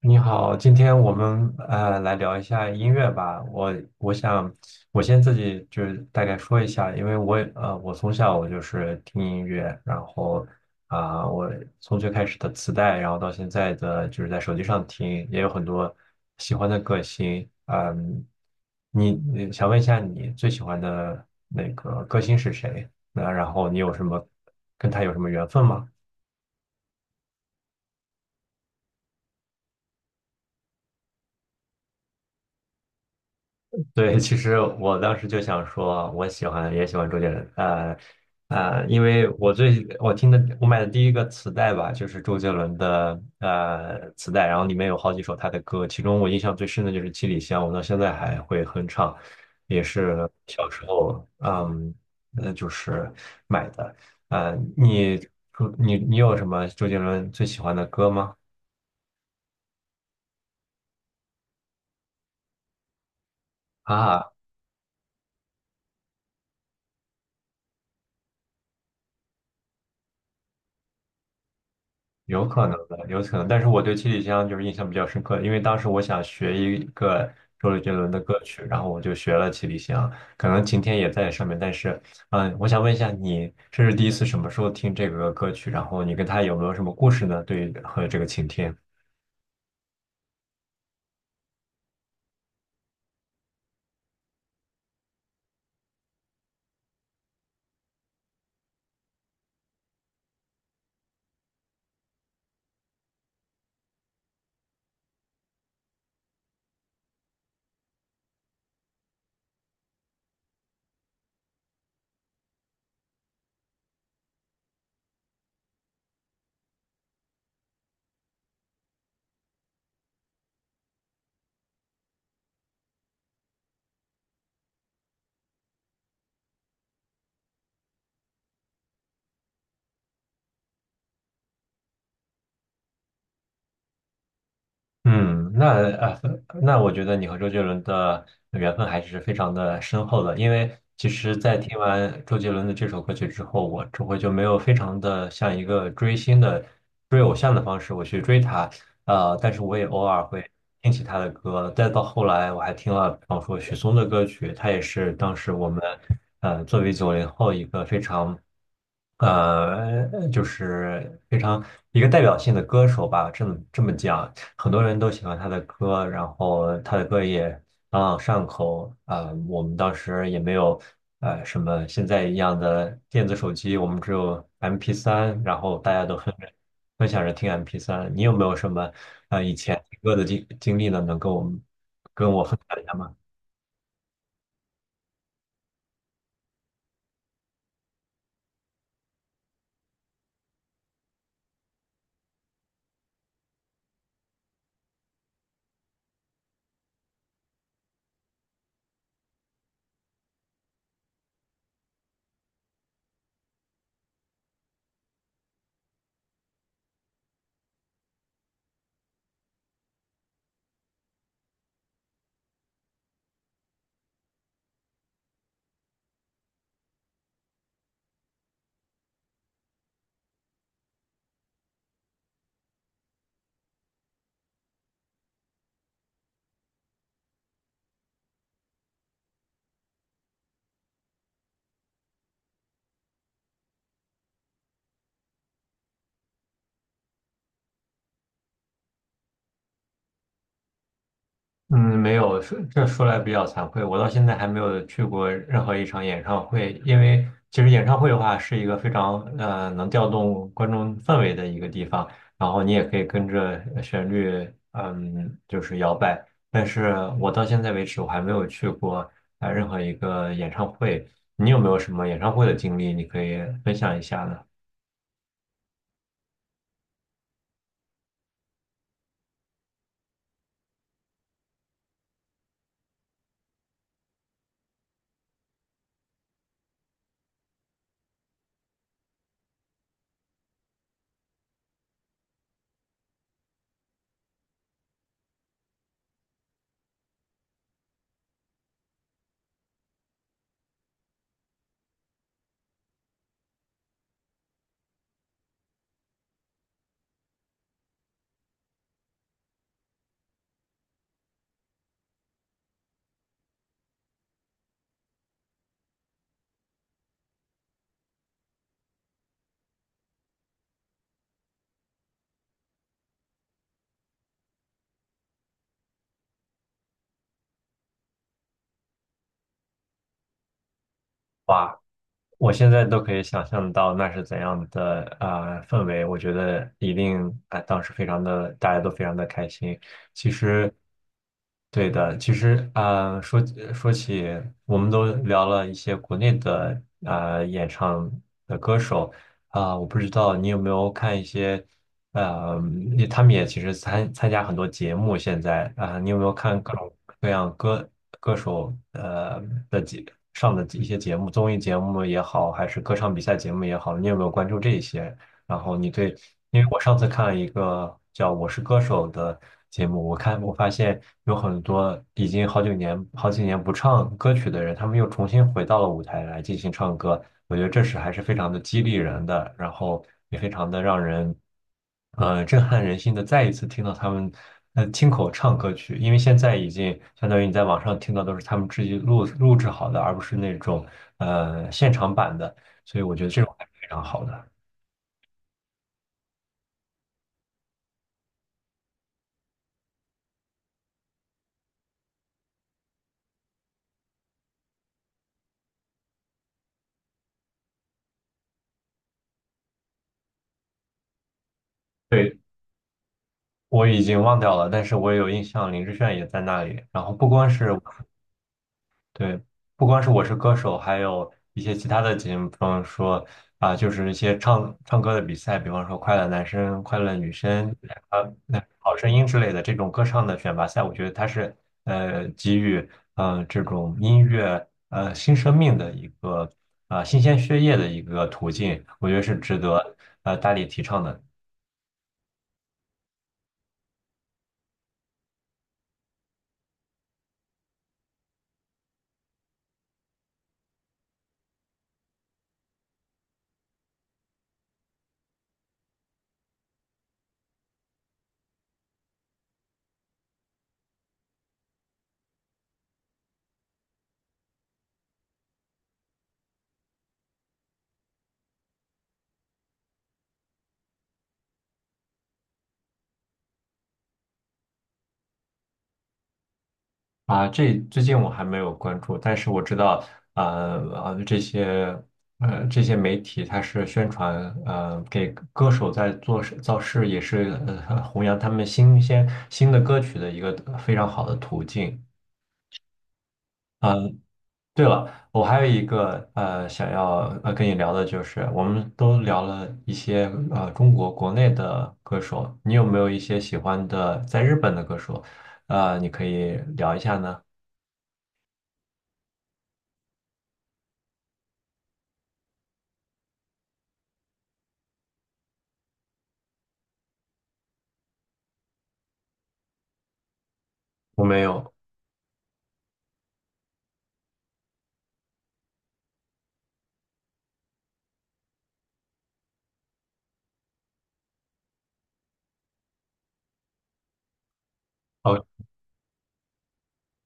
你好，今天我们来聊一下音乐吧。我想,我先自己就是大概说一下，因为我从小我就是听音乐，然后我从最开始的磁带，然后到现在的就是在手机上听，也有很多喜欢的歌星。嗯，你想问一下你最喜欢的那个歌星是谁？那然后你有什么跟他有什么缘分吗？对，其实我当时就想说，我喜欢也喜欢周杰伦，因为我听的我买的第一个磁带吧，就是周杰伦的磁带，然后里面有好几首他的歌，其中我印象最深的就是《七里香》，我到现在还会哼唱，也是小时候就是买的，呃，你你有什么周杰伦最喜欢的歌吗？啊，有可能的，有可能，但是我对七里香就是印象比较深刻，因为当时我想学一个周杰伦的歌曲，然后我就学了七里香，可能晴天也在上面，但是，嗯，我想问一下你，这是第一次什么时候听这个歌曲？然后你跟他有没有什么故事呢？对于和这个晴天。嗯，那啊，那我觉得你和周杰伦的缘分还是非常的深厚的，因为其实，在听完周杰伦的这首歌曲之后，我这回就没有非常的像一个追星的追偶像的方式我去追他，但是我也偶尔会听起他的歌，再到后来我还听了，比方说许嵩的歌曲，他也是当时我们作为九零后一个非常一个代表性的歌手吧，这么讲，很多人都喜欢他的歌，然后他的歌也朗朗上口。我们当时也没有什么现在一样的电子手机，我们只有 MP3，然后大家都分享着听 MP3。你有没有什么以前听歌的经历呢？能跟我们跟我分享一下吗？嗯，没有，说来比较惭愧，我到现在还没有去过任何一场演唱会，因为其实演唱会的话是一个非常能调动观众氛围的一个地方，然后你也可以跟着旋律，嗯，就是摇摆。但是我到现在为止，我还没有去过任何一个演唱会。你有没有什么演唱会的经历，你可以分享一下呢？我现在都可以想象到那是怎样的氛围，我觉得一定当时非常的，大家都非常的开心。对的，其实说起，我们都聊了一些国内的演唱的歌手，我不知道你有没有看一些，呃，也他们也其实参加很多节目，现在，你有没有看各种各样歌歌手呃的节上的一些节目，综艺节目也好，还是歌唱比赛节目也好，你有没有关注这一些？然后你对，因为我上次看了一个叫《我是歌手》的节目，我发现有很多已经好几年不唱歌曲的人，他们又重新回到了舞台来进行唱歌，我觉得这是还是非常的激励人的，然后也非常的让人，震撼人心的。再一次听到他们亲口唱歌曲，因为现在已经相当于你在网上听到都是他们自己录制好的，而不是那种现场版的，所以我觉得这种还是非常好的。对。我已经忘掉了，但是我也有印象，林志炫也在那里。然后对，不光是我是歌手，还有一些其他的节目，比方说就是一些唱歌的比赛，比方说《快乐男声》《快乐女声》那《好声音》之类的这种歌唱的选拔赛，我觉得它是给予这种音乐新生命的一个新鲜血液的一个途径，我觉得是值得大力提倡的。啊，这最近我还没有关注，但是我知道，呃这些这些媒体它是宣传，给歌手在做事造势，也是弘扬他们新的歌曲的一个非常好的途径。对了，我还有一个想要跟你聊的就是，我们都聊了一些中国国内的歌手，你有没有一些喜欢的在日本的歌手？你可以聊一下呢？我没有。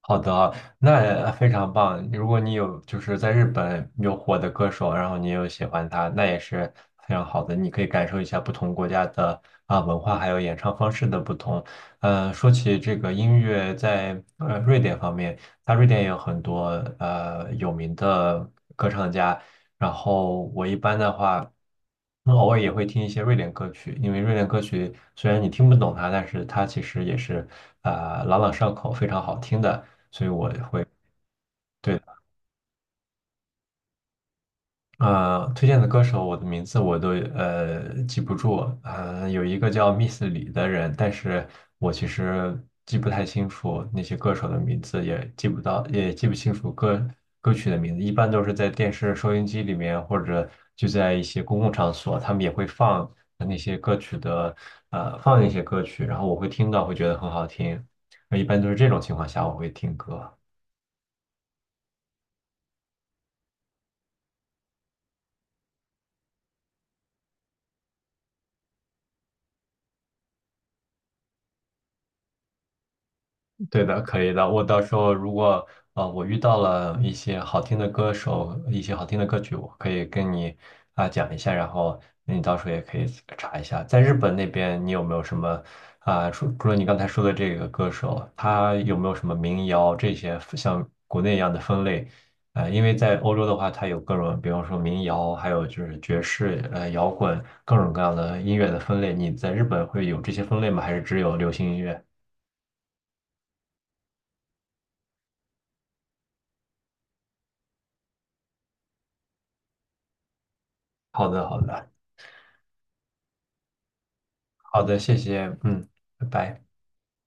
好的啊，那非常棒。如果你有就是在日本有火的歌手，然后你有喜欢他，那也是非常好的。你可以感受一下不同国家的文化，还有演唱方式的不同。呃，说起这个音乐，在瑞典方面，它瑞典也有很多有名的歌唱家。然后我一般的话。那偶尔也会听一些瑞典歌曲，因为瑞典歌曲虽然你听不懂它，但是它其实也是朗朗上口，非常好听的，所以我会对，推荐的歌手，我的名字我都记不住。呃，有一个叫 Miss 李的人，但是我其实记不太清楚那些歌手的名字，也记不到，也记不清楚歌曲的名字。一般都是在电视、收音机里面，或者就在一些公共场所，他们也会放那些歌曲的，放一些歌曲，然后我会听到，会觉得很好听。一般都是这种情况下，我会听歌。对的，可以的。我到时候如果我遇到了一些好听的歌手，一些好听的歌曲，我可以跟你讲一下，然后你到时候也可以查一下，在日本那边你有没有什么除了你刚才说的这个歌手，他有没有什么民谣这些像国内一样的分类？呃，因为在欧洲的话，它有各种，比方说民谣，还有就是爵士、摇滚，各种各样的音乐的分类。你在日本会有这些分类吗？还是只有流行音乐？好的，好的。好的，谢谢，嗯，拜拜。